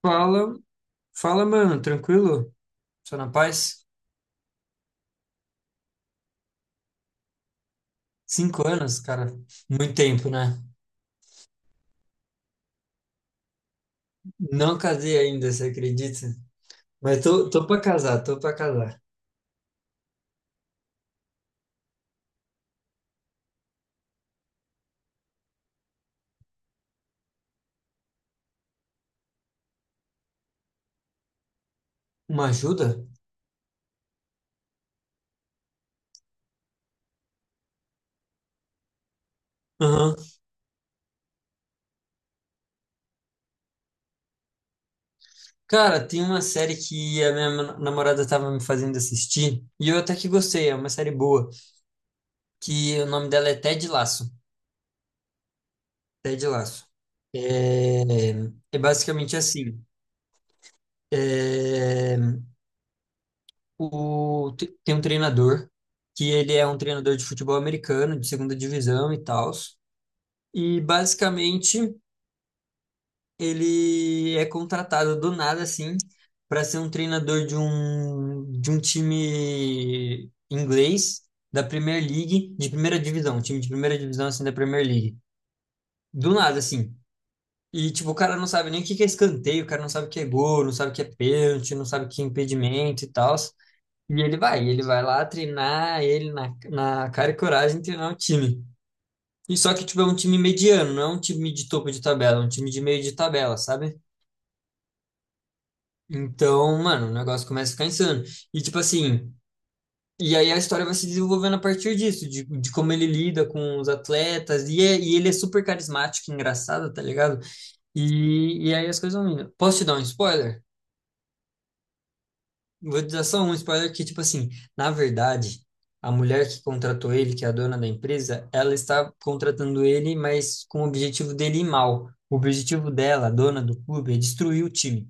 Fala, fala, mano, tranquilo? Só na paz? Cinco anos, cara, muito tempo, né? Não casei ainda, você acredita? Mas tô pra casar, tô pra casar. Uma ajuda? Aham. Cara, tem uma série que a minha namorada tava me fazendo assistir, e eu até que gostei, é uma série boa, que o nome dela é Ted Lasso. Ted Lasso. É, é, basicamente assim. É, tem um treinador que ele é um treinador de futebol americano, de segunda divisão e tal. E basicamente ele é contratado do nada assim para ser um treinador de um time inglês da Premier League, de primeira divisão, um time de primeira divisão assim da Premier League. Do nada assim. E tipo, o cara não sabe nem o que que é escanteio, o cara não sabe o que é gol, não sabe o que é pênalti, não sabe o que é impedimento e tal. E ele vai lá treinar ele na cara e coragem treinar o time. E só que, tipo, é um time mediano, não é um time de topo de tabela, é um time de meio de tabela, sabe? Então, mano, o negócio começa a ficar insano. E, tipo assim, e aí a história vai se desenvolvendo a partir disso, de como ele lida com os atletas, e, e ele é super carismático, engraçado, tá ligado? E aí as coisas vão indo. Posso te dar um spoiler? Vou te dar só um spoiler que, tipo assim, na verdade, a mulher que contratou ele, que é a dona da empresa, ela está contratando ele, mas com o objetivo dele ir mal. O objetivo dela, a dona do clube, é destruir o time.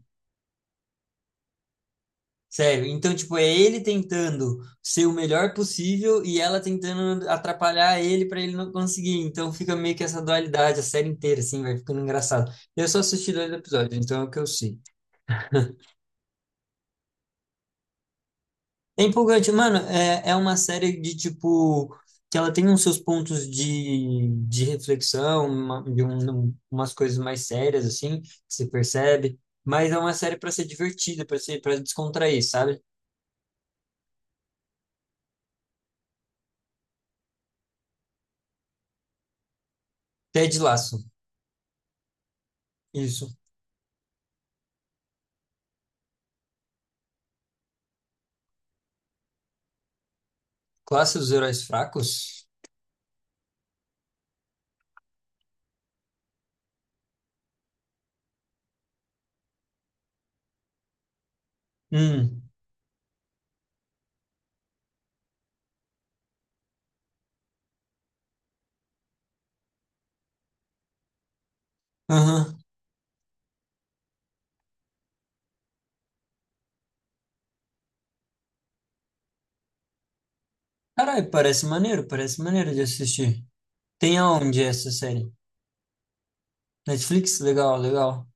Sério. Então, tipo, é ele tentando ser o melhor possível e ela tentando atrapalhar ele para ele não conseguir. Então fica meio que essa dualidade a série inteira, assim, vai ficando engraçado. Eu só assisti 2 episódios, então é o que eu sei. É empolgante, mano. É, é uma série de tipo que ela tem uns seus pontos de reflexão, uma, de um, umas coisas mais sérias assim, que você percebe. Mas é uma série pra ser divertida, pra ser para descontrair, sabe? Ted Lasso, isso. Classe dos Heróis Fracos. Hum, aham. Caralho, parece maneiro de assistir. Tem aonde essa série? Netflix? Legal, legal.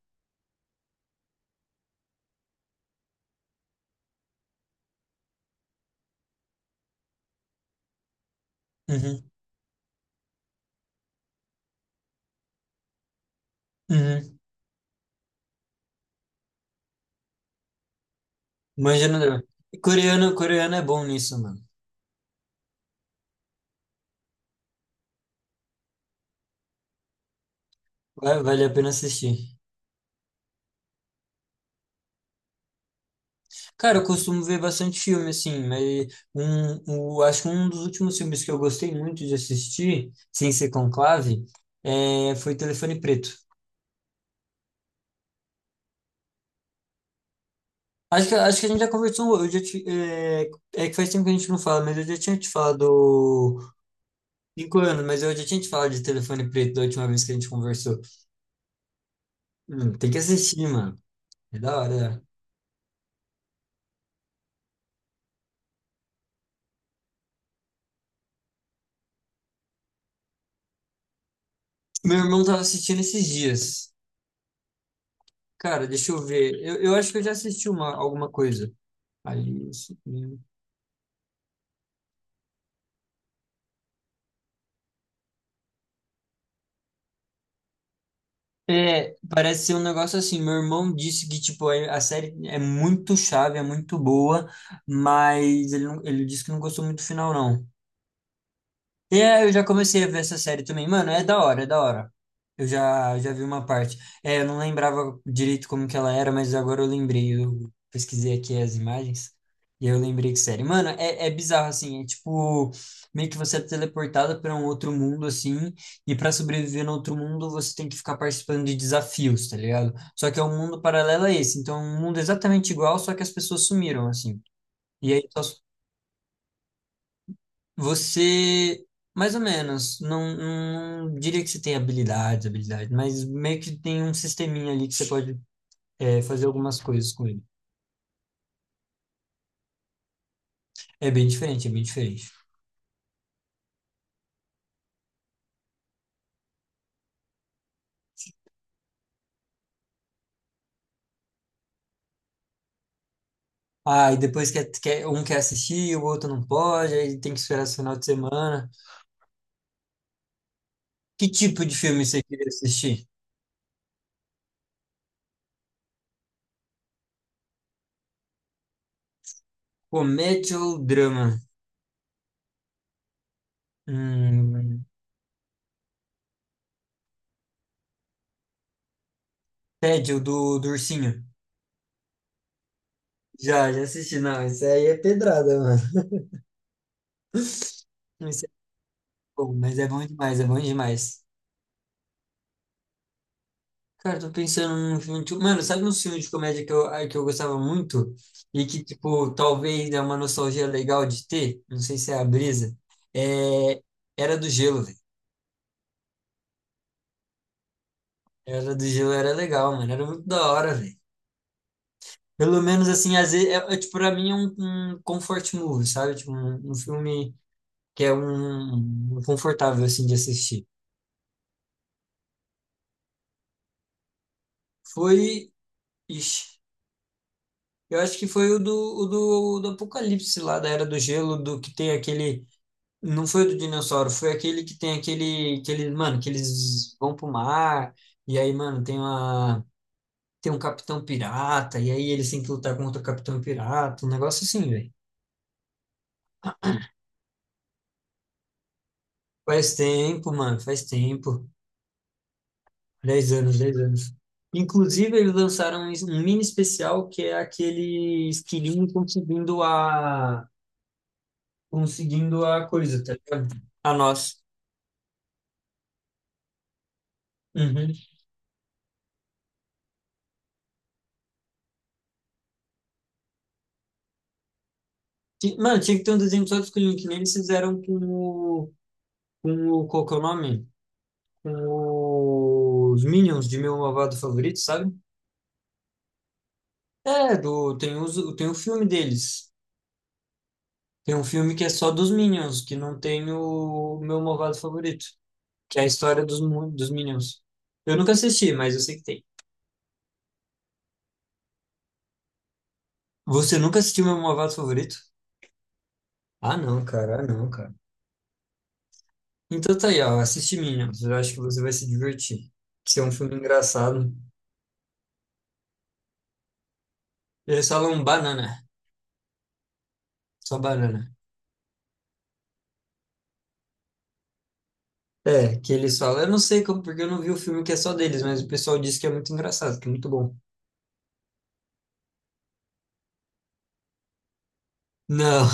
Uhum, uhum. Manja no drama. Coreano, coreano é bom nisso, mano. Vale a pena assistir. Cara, eu costumo ver bastante filme, assim, mas um, o, acho que um dos últimos filmes que eu gostei muito de assistir, sem ser Conclave, é, foi Telefone Preto. Acho que a gente já conversou, eu já é que faz tempo que a gente não fala, mas eu já tinha te falado, 5 anos, mas eu já tinha te falado de Telefone Preto da última vez que a gente conversou. Tem que assistir, mano. É da hora. Meu irmão tava assistindo esses dias. Cara, deixa eu ver. Eu acho que eu já assisti uma, alguma coisa. Alice. Né? É, parece ser um negócio assim. Meu irmão disse que tipo a série é muito chave, é muito boa, mas ele, ele disse que não gostou muito do final, não. E é, eu já comecei a ver essa série também. Mano, é da hora, é da hora. Eu já vi uma parte. É, eu não lembrava direito como que ela era, mas agora eu lembrei. Eu pesquisei aqui as imagens e eu lembrei que série. Mano, é, é bizarro, assim. É tipo, meio que você é teleportada para um outro mundo, assim. E para sobreviver no outro mundo, você tem que ficar participando de desafios, tá ligado? Só que é um mundo paralelo a esse. Então, é um mundo exatamente igual, só que as pessoas sumiram, assim. E aí só você, mais ou menos, não, não diria que você tem habilidades, habilidades, mas meio que tem um sisteminha ali que você pode é, fazer algumas coisas com ele. É bem diferente, é bem diferente. Ah, e depois um quer assistir, o outro não pode, aí tem que esperar esse final de semana. Que tipo de filme você queria assistir? Comédia ou drama? Hum, Ted, o do ursinho. Já assisti, não, isso aí é pedrada, mano. Isso é bom, mas é bom demais, é bom demais. Cara, eu tô pensando num filme. Tipo, mano, sabe um filme de comédia que eu, ah, que eu gostava muito? E que, tipo, talvez é uma nostalgia legal de ter? Não sei se é a brisa. É... Era do Gelo, velho. Era do Gelo, era legal, mano. Era muito da hora, velho. Pelo menos, assim, às vezes, tipo, pra mim é um comfort movie, sabe? Tipo, um filme que é um confortável, assim, de assistir. Foi. Ixi, eu acho que foi o do Apocalipse lá, da Era do Gelo, do que tem aquele. Não foi o do dinossauro, foi aquele que tem mano, que eles vão pro mar, e aí, mano, tem um capitão pirata, e aí eles têm que lutar contra o capitão pirata, um negócio assim, velho. Faz tempo, mano, faz tempo. 10 anos, 10 anos. Inclusive, eles lançaram um mini especial que é aquele esquilinho conseguindo a coisa, tá ligado? A nós. Uhum. Mano, tinha que ter um desenho só do esquilinho, que nem eles fizeram com o, qual que é o nome? Os Minions de Meu Malvado Favorito, sabe? Tem o filme deles. Tem um filme que é só dos Minions, que não tem o Meu Malvado Favorito, que é a história dos Minions. Eu nunca assisti, mas eu sei que tem. Você nunca assistiu Meu Malvado Favorito? Ah, não, cara, ah, não, cara. Então tá aí, ó, assiste Minions, eu acho que você vai se divertir. Que é um filme engraçado. Eles falam banana, só banana. É, que eles falam. Eu não sei como, porque eu não vi o filme que é só deles, mas o pessoal disse que é muito engraçado, que é muito bom. Não.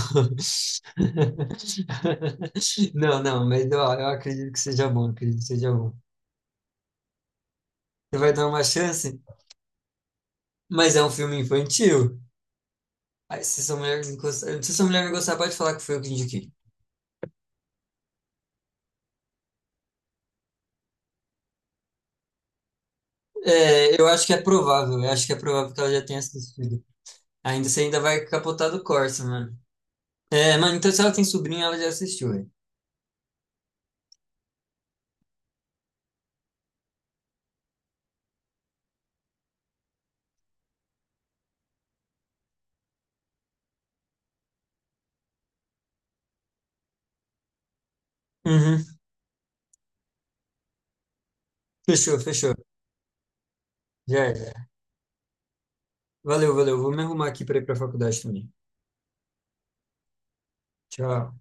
Não, não, mas ó, eu acredito que seja bom, acredito que seja bom. Você vai dar uma chance, mas é um filme infantil. Aí, se essa mulher não gostar, se essa mulher não gostar, pode falar que foi eu que indiquei. É, eu acho que é provável, eu acho que é provável que ela já tenha assistido. Ainda você ainda vai capotar do Corsa, mano. É, mano, então se ela tem sobrinha, ela já assistiu, velho. Uhum, fechou, fechou. Já era. Valeu, valeu. Vou me arrumar aqui para ir para a faculdade também. Tchau.